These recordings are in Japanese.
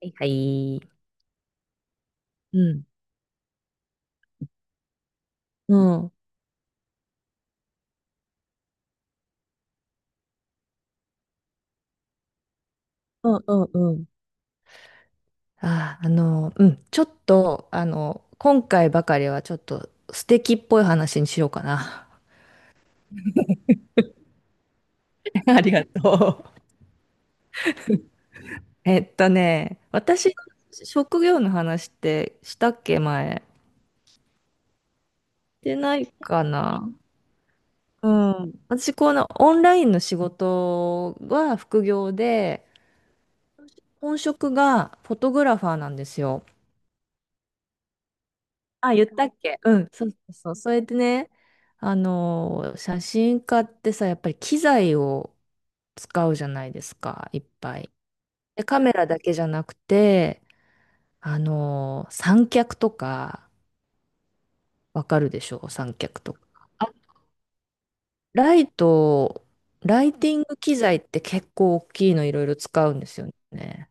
いはい。うん。うん。うんうんうん。うん、ちょっと、今回ばかりはちょっと素敵っぽい話にしようかな。ありがとう。私の職業の話ってしたっけ、前。してないかな。うん。私、このオンラインの仕事は副業で、本職がフォトグラファーなんですよ。あ、言ったっけ、うん、そうそうそう。それでね、写真家ってさ、やっぱり機材を使うじゃないですか、いっぱい。で、カメラだけじゃなくて、三脚とか、わかるでしょう、三脚とか。あ、ライト、ライティング機材って結構大きいのいろいろ使うんですよね。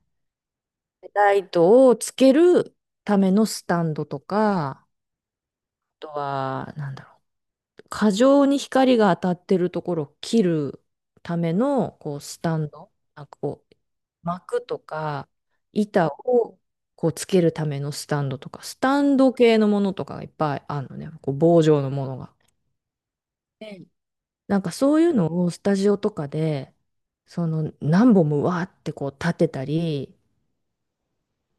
ライトをつけるためのスタンドとか、あとは、なんだろう、過剰に光が当たってるところを切るためのこうスタンド、なんかこう幕とか板をこうつけるためのスタンドとか、スタンド系のものとかがいっぱいあるのね、こう棒状のものが。で、なんかそういうのをスタジオとかで、その何本もわーってこう立てたり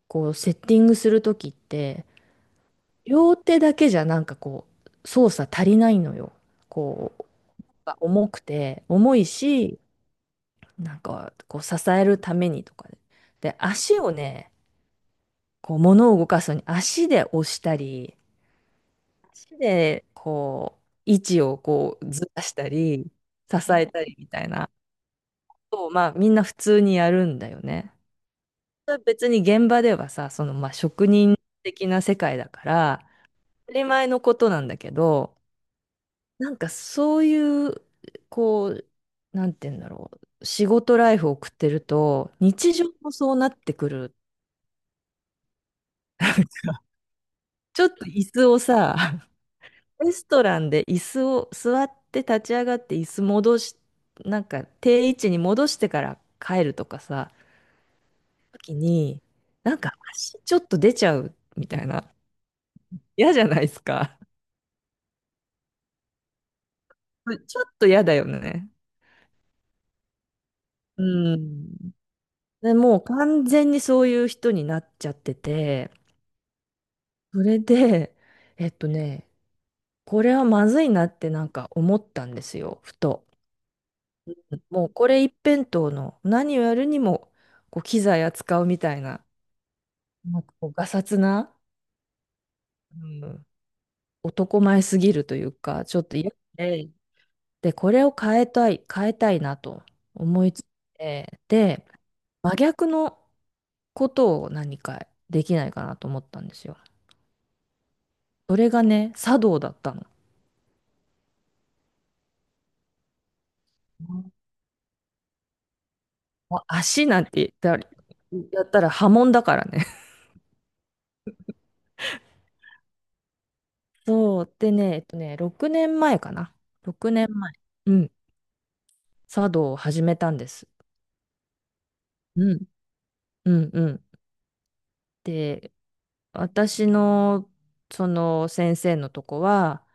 こうセッティングする時って、両手だけじゃなんかこう操作足りないのよ。こう重くて重いし、なんか、こう、支えるためにとかで。で、足をね、こう、物を動かすのに足で押したり、足で、こう、位置をこう、ずらしたり、支えたりみたいなことを、まあ、みんな普通にやるんだよね。それは別に現場ではさ、その、まあ、職人的な世界だから、当たり前のことなんだけど、なんかそういう、こう、なんて言うんだろう。仕事ライフを送ってると、日常もそうなってくる。ちょっと椅子をさ、レストランで椅子を座って立ち上がって椅子戻し、なんか定位置に戻してから帰るとかさ、時に、なんか足ちょっと出ちゃうみたいな。嫌じゃないですか。ちょっと嫌だよね。うん。で、もう完全にそういう人になっちゃってて、それで、えっとね、これはまずいなってなんか思ったんですよ、ふと。もうこれ一辺倒の、何をやるにもこう機材扱うみたいな、なんかこうがさつな、うん、男前すぎるというか、ちょっと嫌で、で、これを変えたい、変えたいなと思いついて、で、真逆のことを何かできないかなと思ったんですよ。それがね、茶道だったの。うん、もう足なんて言ったら、やったら波紋だからね。そう。でね、6年前かな。6年前。うん、茶道を始めたんです。うん。うんうん。で、私のその先生のとこは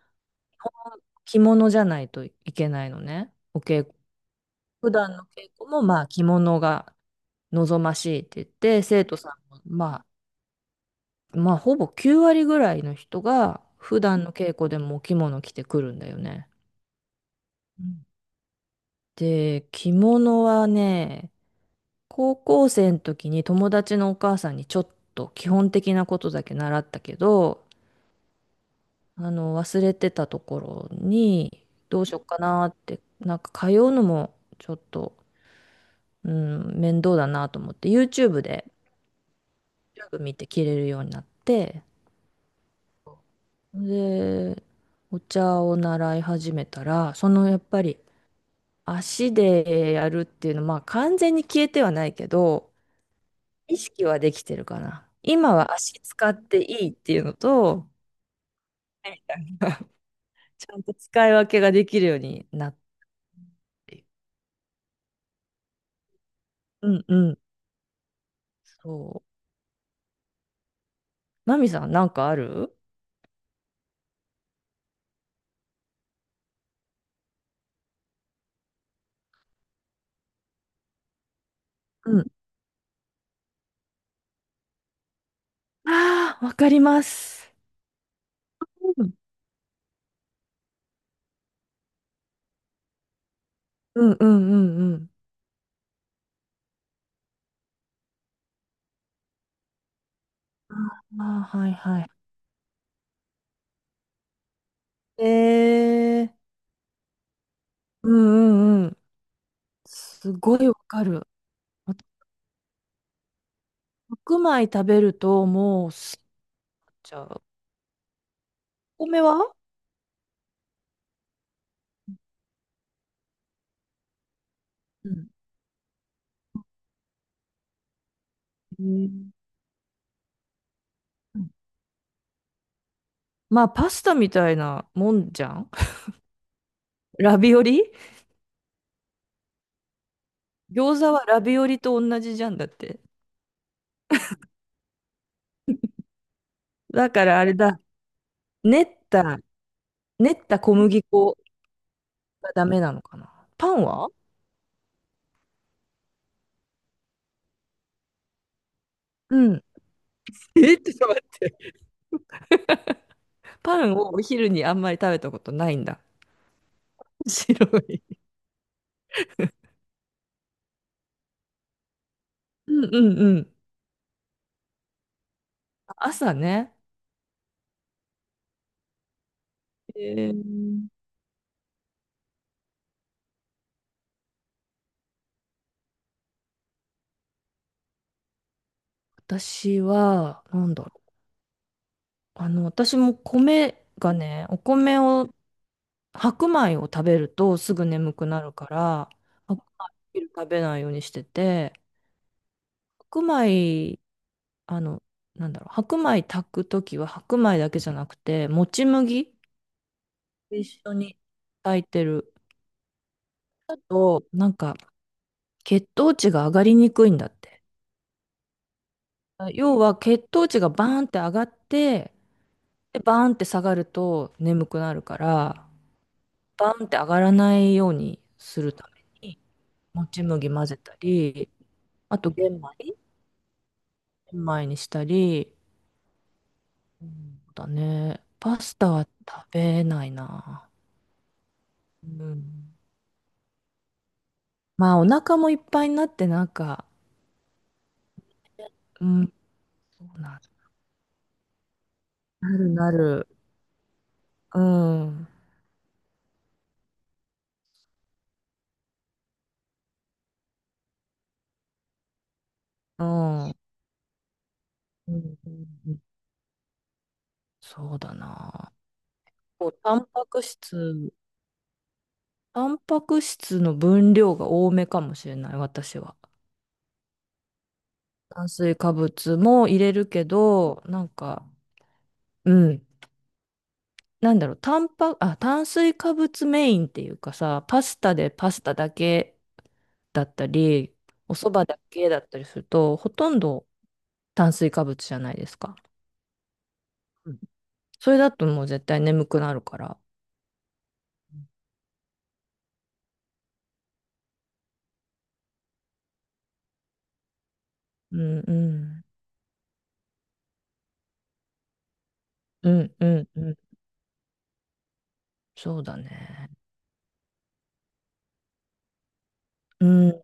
着物じゃないといけないのね。お稽古。普段の稽古もまあ着物が望ましいって言って、生徒さんもまあほぼ9割ぐらいの人が普段の稽古でもお着物着てくるんだよね。うん、で、着物はね、高校生の時に友達のお母さんにちょっと基本的なことだけ習ったけど、忘れてたところに、どうしよっかなって、なんか通うのもちょっと、うん、面倒だなと思って、YouTube 見て着れるようになって、で、お茶を習い始めたら、そのやっぱり足でやるっていうのは、まあ完全に消えてはないけど、意識はできてるかな。今は足使っていいっていうのと、みたいな。 ちゃんと使い分けができるようになっている。うんうん。そう。マミさん、なんかある？うん。ああー、わかります。うんうんうんうんうん。ああ、はいはい。えー、うんうんうん。すごいわかる。あと白米食べると、もうす、じゃあ、お米は、うんうん、まあ、パスタみたいなもんじゃん。 ラビオリ。餃子はラビオリと同じじゃんだって。だからあれだ、練った、練った小麦粉がダメなのかな。パンは、うん。 え、ちょっと待って。パンをお昼にあんまり食べたことないんだ。白い。うんうんうん。朝ね。えー、私は、なんだろう。私も米がね、お米を、白米を食べるとすぐ眠くなるから、白米食べないようにしてて、白米、あの、なんだろう、白米炊くときは白米だけじゃなくて、もち麦一緒に炊いてると、なんか、血糖値が上がりにくいんだって。要は血糖値がバーンって上がって、で、バーンって下がると眠くなるから、バーンって上がらないようにするために、もち麦混ぜたり、あと玄米、玄米にしたり、うん、そうだね。パスタは食べないな。うん。まあ、お腹もいっぱいになって、なんか、うん、そうなる、なるなる。うん。うんうんうん、そうだな。構タンパク質、タンパク質の分量が多めかもしれない、私は。炭水化物も入れるけど、なんか、うん。なんだろう、タンパ、あ、炭水化物メインっていうかさ、パスタだけだったり、お蕎麦だけだったりすると、ほとんど炭水化物じゃないですか。うん、それだともう絶対眠くなるから。うんうん。うんうんうん。そうだね。うん。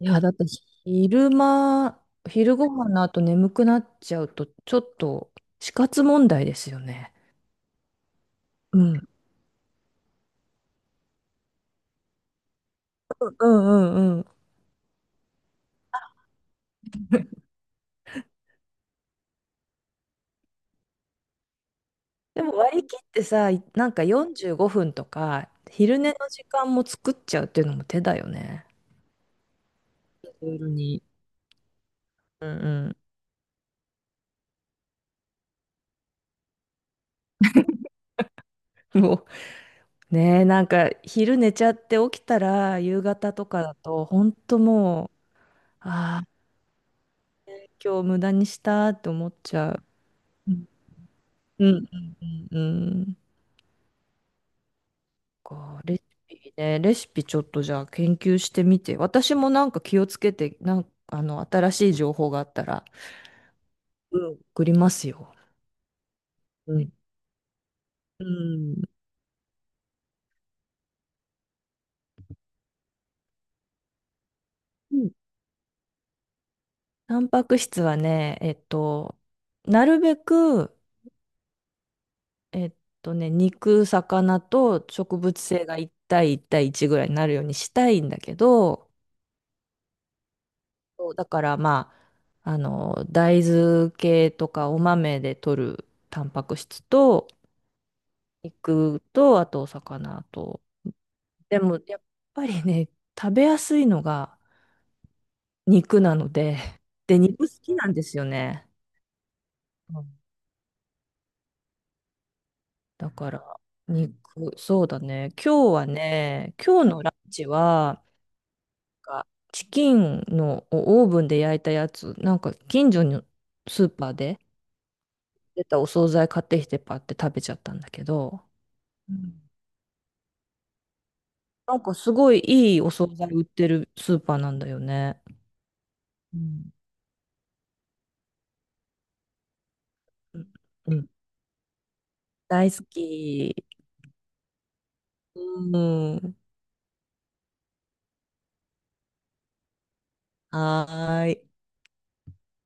いや、だって昼間、昼ご飯の後眠くなっちゃうと、ちょっと死活問題ですよね。うん。うんうんうん。でも割り切ってさ、なんか45分とか、昼寝の時間も作っちゃうっていうのも手だよね。夜に。うんうん。もう、ねえ、なんか昼寝ちゃって起きたら、夕方とかだと、ほんともう、ああ、今日無駄にしたって思っちゃう。うんうんうんうんうん。レシピね、レシピちょっとじゃあ研究してみて、私もなんか気をつけて、なんか新しい情報があったら、うん、送りますよ。うん。うん。うん、タンパク質はね、なるべく、えっ肉、魚と植物性が1対1対1ぐらいになるようにしたいんだけど、そうだから、まあ、大豆系とかお豆で摂るタンパク質と、肉と、あとお魚と。でも、やっぱりね、食べやすいのが肉なので、で、肉好きなんですよね。うん、だから、肉、そうだね。今日はね、今日のランチは、なんかチキンのオーブンで焼いたやつ、なんか近所のスーパーで出たお惣菜買ってきてパって食べちゃったんだけど、うん、なんかすごいいいお惣菜売ってるスーパーなんだよね。うん。うん、大好き。うん。はーい。